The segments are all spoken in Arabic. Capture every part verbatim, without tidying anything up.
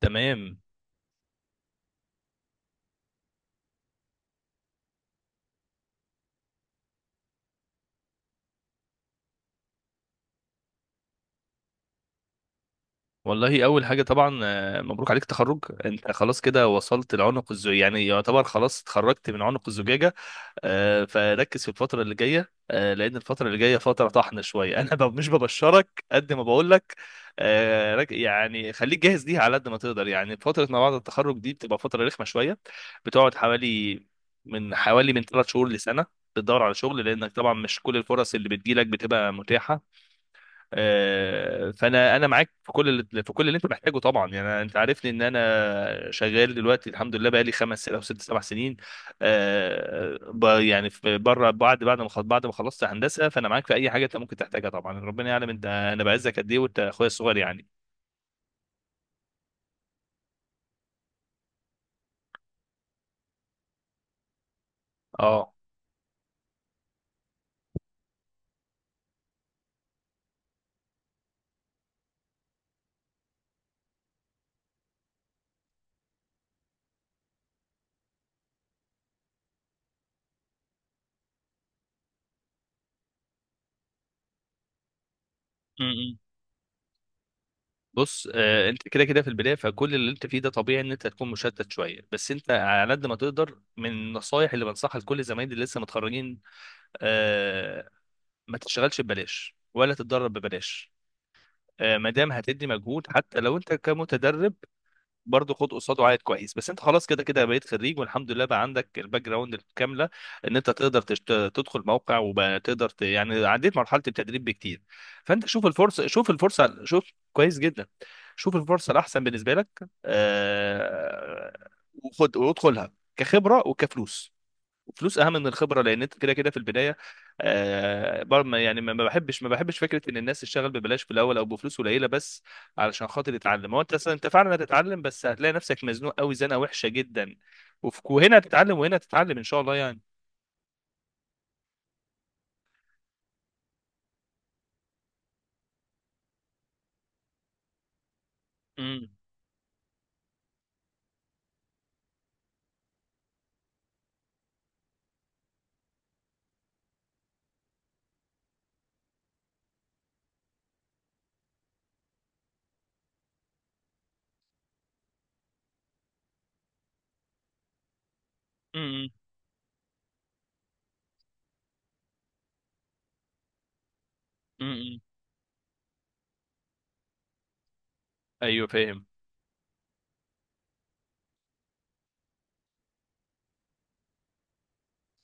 تمام. والله اول حاجه طبعا آه، مبروك عليك تخرج. انت خلاص كده وصلت لعنق الزجاجه، يعني يعتبر خلاص اتخرجت من عنق الزجاجه. آه، فركز في الفتره اللي جايه، آه، لان الفتره اللي جايه فتره طحن شويه. انا ب- مش ببشرك قد ما بقول لك. آه، رك- يعني خليك جاهز ليها على قد ما تقدر، يعني فتره ما بعد التخرج دي بتبقى فتره رخمه شويه. بتقعد حوالي، من حوالي من ثلاث شهور لسنه، بتدور على شغل لانك طبعا مش كل الفرص اللي بتجيلك بتبقى متاحه. آه، فانا انا معاك في كل اللي في كل اللي انت محتاجه طبعا، يعني أنا- انت عارفني ان انا شغال دلوقتي الحمد لله بقالي خمس او ست سبع سنين. آه، ب- يعني في- بره، بعد بعد ما خ- بعد ما خلصت هندسه، فانا معاك في اي حاجه انت ممكن تحتاجها طبعا. ربنا يعلم انت انا بعزك قد ايه، وانت اخويا الصغير يعني. اه. امم. بص، آه، انت كده كده في البدايه، فكل اللي انت فيه ده طبيعي ان انت تكون مشتت شويه. بس انت على قد ما تقدر من النصايح اللي بنصحها لكل زمايلي اللي لسه متخرجين، آه، ما تشتغلش ببلاش ولا تتدرب ببلاش. آه، ما دام هتدي مجهود حتى لو انت كمتدرب، برضه خد قصاده عائد كويس. بس انت خلاص كده كده بقيت خريج والحمد لله، بقى عندك الباك جراوند الكامله ان انت تقدر تشت... تدخل موقع وبقى تقدر ت... يعني عديت مرحله التدريب بكتير. فانت شوف الفرصه، شوف الفرصه شوف كويس جدا، شوف الفرصه الاحسن بالنسبه لك، آه، وخد وادخلها كخبره وكفلوس. فلوس اهم من الخبره لان انت كده كده في البدايه. آه بر- ما- يعني ما ما بحبش، ما بحبش فكره ان الناس تشتغل ببلاش في الاول او بفلوس قليله بس علشان خاطر تتعلم. هو انت اصلا انت فعلا هتتعلم، بس هتلاقي نفسك مزنوق قوي زنقه وحشه جدا. وف- وهنا هتتعلم وهنا هتتعلم ان شاء الله يعني. امم. امم. امم. ايوه فاهم.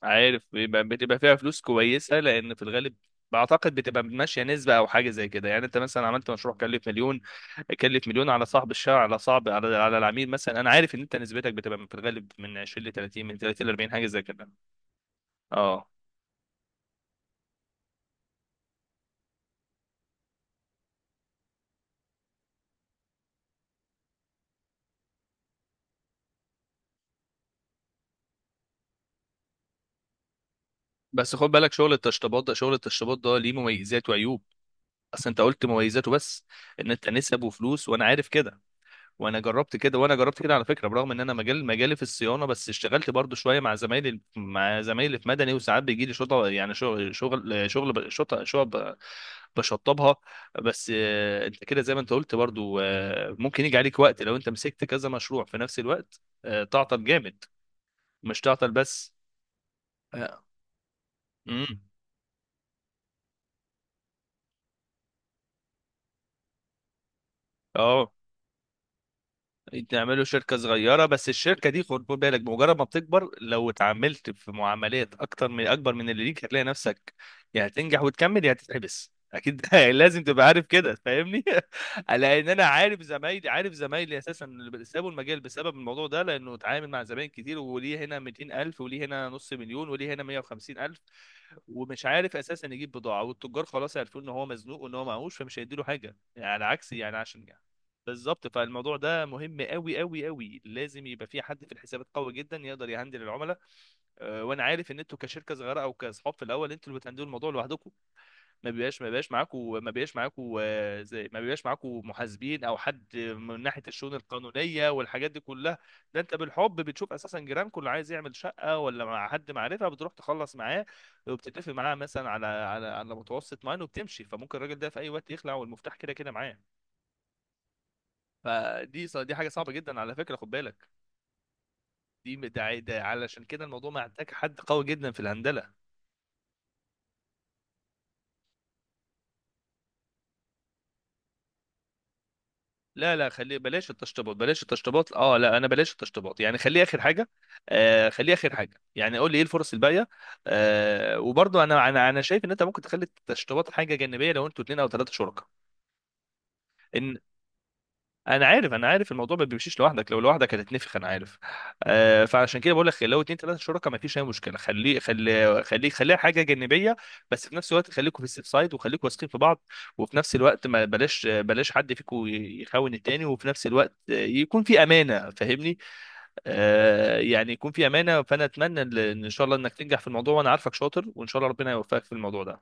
عارف، بيبقى بتبقى فيها فلوس كويسه لان في الغالب بعتقد بتبقى ماشيه نسبه او حاجه زي كده. يعني انت مثلا عملت مشروع كلف مليون، كلف مليون على صاحب الشارع، على صاحب، على على العميل مثلا. انا عارف ان انت نسبتك بتبقى في الغالب من عشرين ل ثلاتين، من ثلاتين ل اربعين، حاجه زي كده. اه. بس خد بالك، شغل التشطيبات ده شغل التشطيبات ده ليه مميزات وعيوب. اصل انت قلت مميزاته بس، ان انت نسب وفلوس. وانا عارف كده، وانا جربت كده وانا جربت كده على فكره، برغم ان انا مجال مجالي في الصيانه، بس اشتغلت برضو شويه مع زمايلي، مع زمايلي في مدني، وساعات بيجي لي شطه. يعني شغل شغل شغل ب- شطه شطه بشطبها. بس آه، انت كده زي ما انت قلت برضو، آه، ممكن يجي عليك وقت لو انت مسكت كذا مشروع في نفس الوقت، آه، تعطل جامد. مش تعطل بس. اه. امم. اه. تعملوا شركة صغيرة، بس الشركة دي خد خد بالك، بمجرد ما بتكبر لو اتعاملت في معاملات أكتر، من أكبر من اللي ليك هتلاقي نفسك يا هتنجح وتكمل يا هتتحبس أكيد. لازم تبقى عارف كده، فاهمني؟ لأن أنا عارف زمايلي، عارف زمايلي أساسا اللي سابوا المجال بسبب الموضوع ده، لأنه اتعامل مع زباين كتير، وليه هنا مئتين الف، وليه هنا نص مليون، وليه هنا مية وخمسين الف، ومش عارف اساسا يجيب بضاعه، والتجار خلاص عارفين ان هو مزنوق وان هو معهوش، فمش هيديله حاجه يعني. على عكس يعني، عشان بالظبط. فالموضوع ده مهم قوي قوي قوي، لازم يبقى في حد في الحسابات قوي جدا يقدر يهندل العملاء. آه، وانا عارف ان انتوا كشركه صغيره او كاصحاب في الاول انتوا اللي بتهندلوا الموضوع لوحدكم. ما بيبقاش ما بيبقاش معاكم ما بيبقاش معاكم، آه، زي ما بيبقاش معاكم محاسبين او حد من ناحيه الشؤون القانونيه والحاجات دي كلها. ده انت بالحب بتشوف اساسا جيرانكم اللي عايز يعمل شقه، ولا مع حد معرفه بتروح تخلص معاه وبتتفق معاه مثلا على على على متوسط معين وبتمشي. فممكن الراجل ده في اي وقت يخلع والمفتاح كده كده معاه. فدي ص- دي حاجه صعبه جدا على فكره، خد بالك. دي ده ع- ده علشان كده الموضوع محتاج حد قوي جدا في الهندله. لا لا، خليه بلاش التشطيبات، بلاش التشطيبات اه لا انا بلاش التشطيبات يعني، خليه اخر حاجه. آه خليه اخر حاجه، يعني قول لي ايه الفرص الباقيه. آه وبرضه انا انا انا شايف ان انت ممكن تخلي التشطيبات حاجه جانبيه لو انتوا اتنين او ثلاثه شركاء. ان انا عارف انا عارف الموضوع ما بيمشيش لوحدك، لو لوحدك هتتنفخ انا عارف. آه، فعشان كده بقول لك لو اتنين تلاته شركاء ما فيش اي مشكله، خليه خليه خليه خليها حاجه جانبيه. بس في نفس الوقت خليكم في السيف سايد، وخليكم واثقين في بعض. وفي نفس الوقت ما بلاش بلاش حد فيكم يخون التاني، وفي نفس الوقت يكون في امانه، فاهمني؟ آه، يعني يكون في امانه. فانا اتمنى ان إن شاء الله انك تنجح في الموضوع، وانا عارفك شاطر، وان شاء الله ربنا يوفقك في الموضوع ده.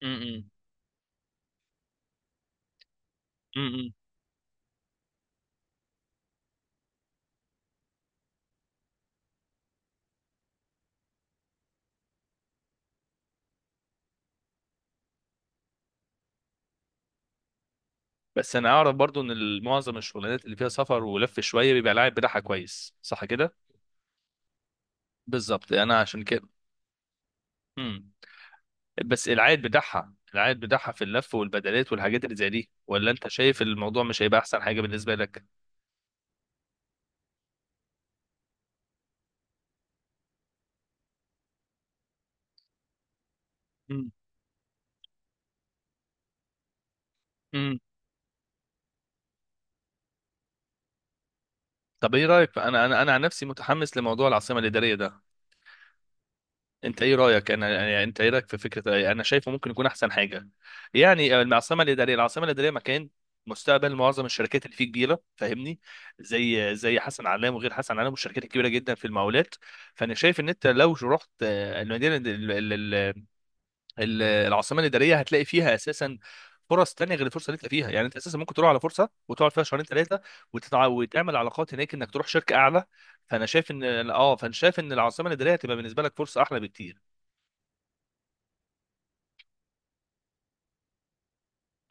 م- م. م- م. بس انا اعرف برضو ان ال- معظم الشغلانات اللي فيها سفر ولف شويه بيبقى العائد بتاعها كويس، صح كده؟ بالظبط، انا عشان كده. امم. بس العائد بتاعها، العائد بتاعها في اللف والبدلات والحاجات اللي زي دي، ولا انت شايف الموضوع مش هيبقى احسن حاجه بالنسبه لك؟ امم. امم. طب ايه رايك؟ انا انا انا عن نفسي متحمس لموضوع العاصمه الاداريه ده. انت ايه رايك؟ انا يعني انت ايه رايك في فكره انا شايفه ممكن يكون احسن حاجه؟ يعني العاصمه الاداريه، العاصمه الاداريه مكان مستقبل، معظم الشركات اللي فيه كبيره، فاهمني؟ زي زي حسن علام، وغير حسن علام والشركات الكبيره جدا في المقاولات. فانا شايف ان انت لو رحت آه، المدينه ال- ال- ال- ال- العاصمه الاداريه، هتلاقي فيها اساسا فرص تانية غير الفرصه اللي انت فيها. يعني انت اساسا ممكن تروح على فرصه وتقعد فيها شهرين ثلاثه، وتتع... وتعمل علاقات هناك انك تروح شركه اعلى. فانا شايف ان، اه فانا شايف ان العاصمه الاداريه هتبقى بالنسبه لك فرصه احلى بكتير.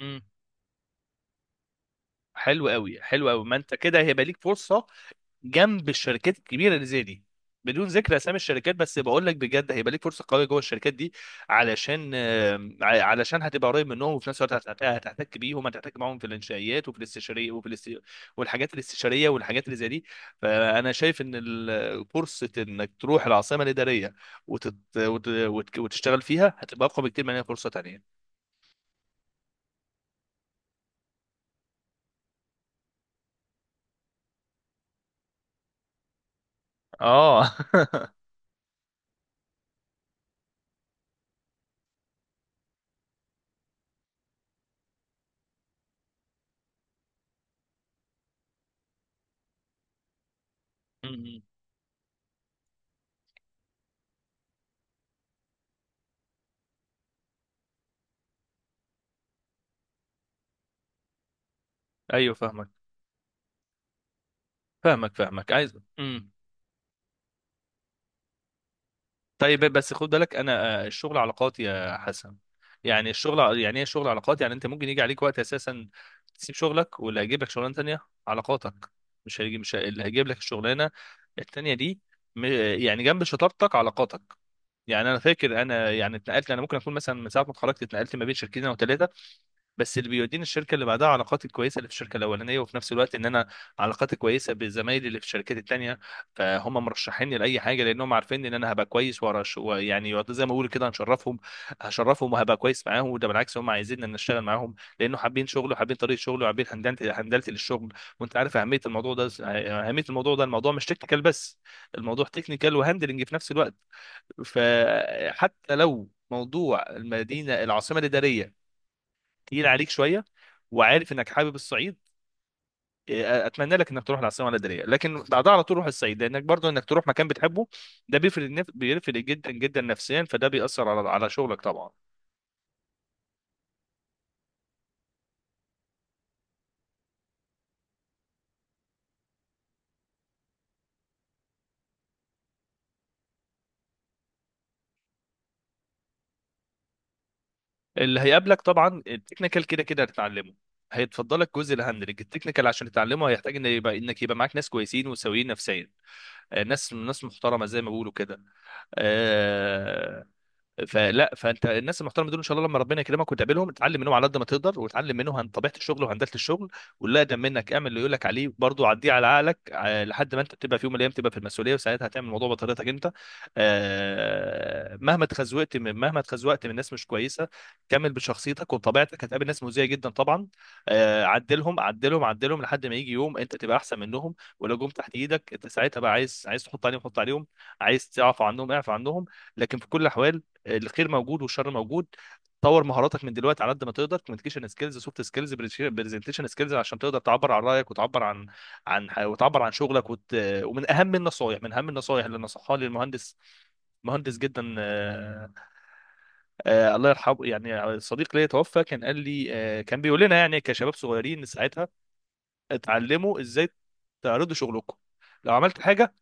مم. حلو قوي حلو قوي، ما انت كده هيبقى ليك فرصه جنب الشركات الكبيره اللي زي دي، بدون ذكر اسامي الشركات، بس بقول لك بجد هيبقى ليك فرصه قويه جوه الشركات دي. علشان آم، ع- علشان هتبقى قريب منهم، وفي نفس الوقت هت- هتحتك بيهم، هتحتك معاهم في الانشائيات وفي الاستشاريه وفي الاست... والحاجات الاستشاريه والحاجات اللي زي دي. فانا شايف ان ال- فرصه انك تروح العاصمه الاداريه وتت... وت... وت... وتشتغل فيها هتبقى اقوى بكتير من اي فرصه تانيه. اه. مم. ايوه فاهمك، فاهمك فاهمك عايز. امم. طيب بس خد بالك انا، آه، الشغل علاقات يا حسن. يعني الشغل ع- يعني ايه الشغل علاقات؟ يعني انت ممكن يجي عليك وقت اساسا تسيب شغلك، واللي هيجيب لك شغلانه تانية علاقاتك. مش هيجي مش هي- اللي هيجيب لك الشغلانه التانية دي م- يعني جنب شطارتك علاقاتك. يعني انا فاكر انا يعني اتنقلت، انا ممكن اكون مثلا من ساعه ما اتخرجت اتنقلت ما بين شركتين او ثلاثه. بس اللي بيوديني الشركه اللي بعدها علاقاتي الكويسه اللي في الشركه الاولانيه، وفي نفس الوقت ان انا علاقاتي كويسه بزمايلي اللي في الشركات التانيه. فهم مرشحيني لاي حاجه لانهم عارفين ان انا هبقى كويس، وأرش- ويعني يقعدوا زي ما بقول كده هنشرفهم، هشرفهم وهبقى كويس معاهم. وده بالعكس، هم عايزين ان نشتغل معاهم لانه حابين شغله، وحابين طريقه شغله، وحابين هندلتي هندلتي للشغل. وانت عارف اهميه الموضوع ده، اهميه الموضوع ده الموضوع مش تكنيكال بس، الموضوع تكنيكال وهندلنج في نفس الوقت. فحتى لو موضوع المدينه العاصمه الاداريه تقيل عليك شويه، وعارف انك حابب الصعيد، إيه، اتمنى لك انك تروح العاصمه الاداريه، لكن بعدها على طول روح الصعيد، لانك برضو انك تروح مكان بتحبه ده بيفرق، النف- بيفرق جدا جدا نفسيا، فده بيأثر على على شغلك طبعا. اللي هيقابلك طبعا التكنيكال كده كده هتتعلمه. هيتفضلك جزء الهاندلنج، التكنيكال عشان تتعلمه هيحتاج ان يبقى انك يبقى معاك ناس كويسين وسويين نفسيا. آه، ناس، ناس محترمه زي ما بيقولوا كده. آه، فلا فانت الناس المحترمه دول ان شاء الله لما ربنا يكرمك وتقابلهم، اتعلم منهم على قد ما تقدر، وتعلم منهم عن طبيعه الشغل وهندله الشغل. واللي اقدم منك اعمل اللي يقول لك عليه، برضه عديه على عقلك، آه، لحد ما انت تبقى في يوم من الايام تبقى في المسؤوليه، وساعتها هتعمل الموضوع بطريقتك انت. آه، مهما اتخزوقت من مهما اتخزوقت من ناس مش كويسه، كمل بشخصيتك وبطبيعتك. هتقابل ناس مؤذيه جدا طبعا، آه، عدلهم عدلهم عدلهم لحد ما يجي يوم انت تبقى احسن منهم، ولو جم تحت ايدك انت ساعتها بقى، عايز عايز تحط عليهم حط عليهم، عايز تعفو عنهم اعفو عنهم. لكن في كل الاحوال الخير موجود والشر موجود. طور مهاراتك من دلوقتي على قد ما تقدر، كوميونيكيشن سكيلز، سوفت سكيلز، برزنتيشن سكيلز، عشان تقدر تعبر عن رايك، وتعبر عن عن ح- وتعبر عن شغلك وت... ومن اهم النصائح، من اهم النصائح اللي نصحها لي المهندس، مهندس جدا، آه، آه، الله يرحمه، يعني صديق ليا توفى، كان قال لي، آه، كان بيقول لنا يعني كشباب صغيرين ساعتها، اتعلموا ازاي تعرضوا شغلكم. لو عملت حاجه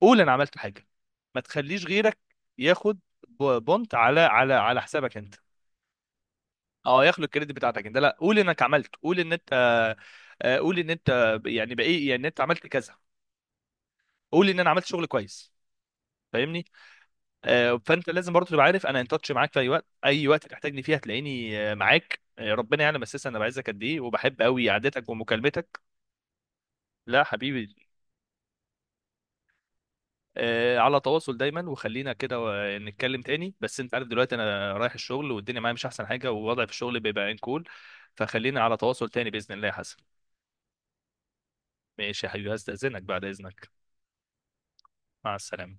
قول انا عملت حاجه، ما تخليش غيرك ياخد ب- بونت على على على حسابك انت. اه ياخدوا الكريدت بتاعتك انت. لا، قول انك عملت، قول ان انت، آه، قول ان انت يعني بايه، يعني انت عملت كذا، قول ان انا عملت شغل كويس، فاهمني؟ آه، فانت لازم برضه تبقى عارف انا ان تاتش معاك في اي وقت، اي وقت تحتاجني فيها هتلاقيني، آه، معاك. آه، ربنا يعلم اساسا انا بعزك قد ايه، وبحب قوي قعدتك ومكالمتك. لا حبيبي. آه، على تواصل دايما، وخلينا كده آه، نتكلم تاني. بس انت عارف دلوقتي انا رايح الشغل، والدنيا معايا مش احسن حاجه، ووضعي في الشغل بيبقى انكول. فخلينا على تواصل تاني باذن الله يا حسن. ماشي يا حبيبي، هستأذنك بعد اذنك. مع السلامة.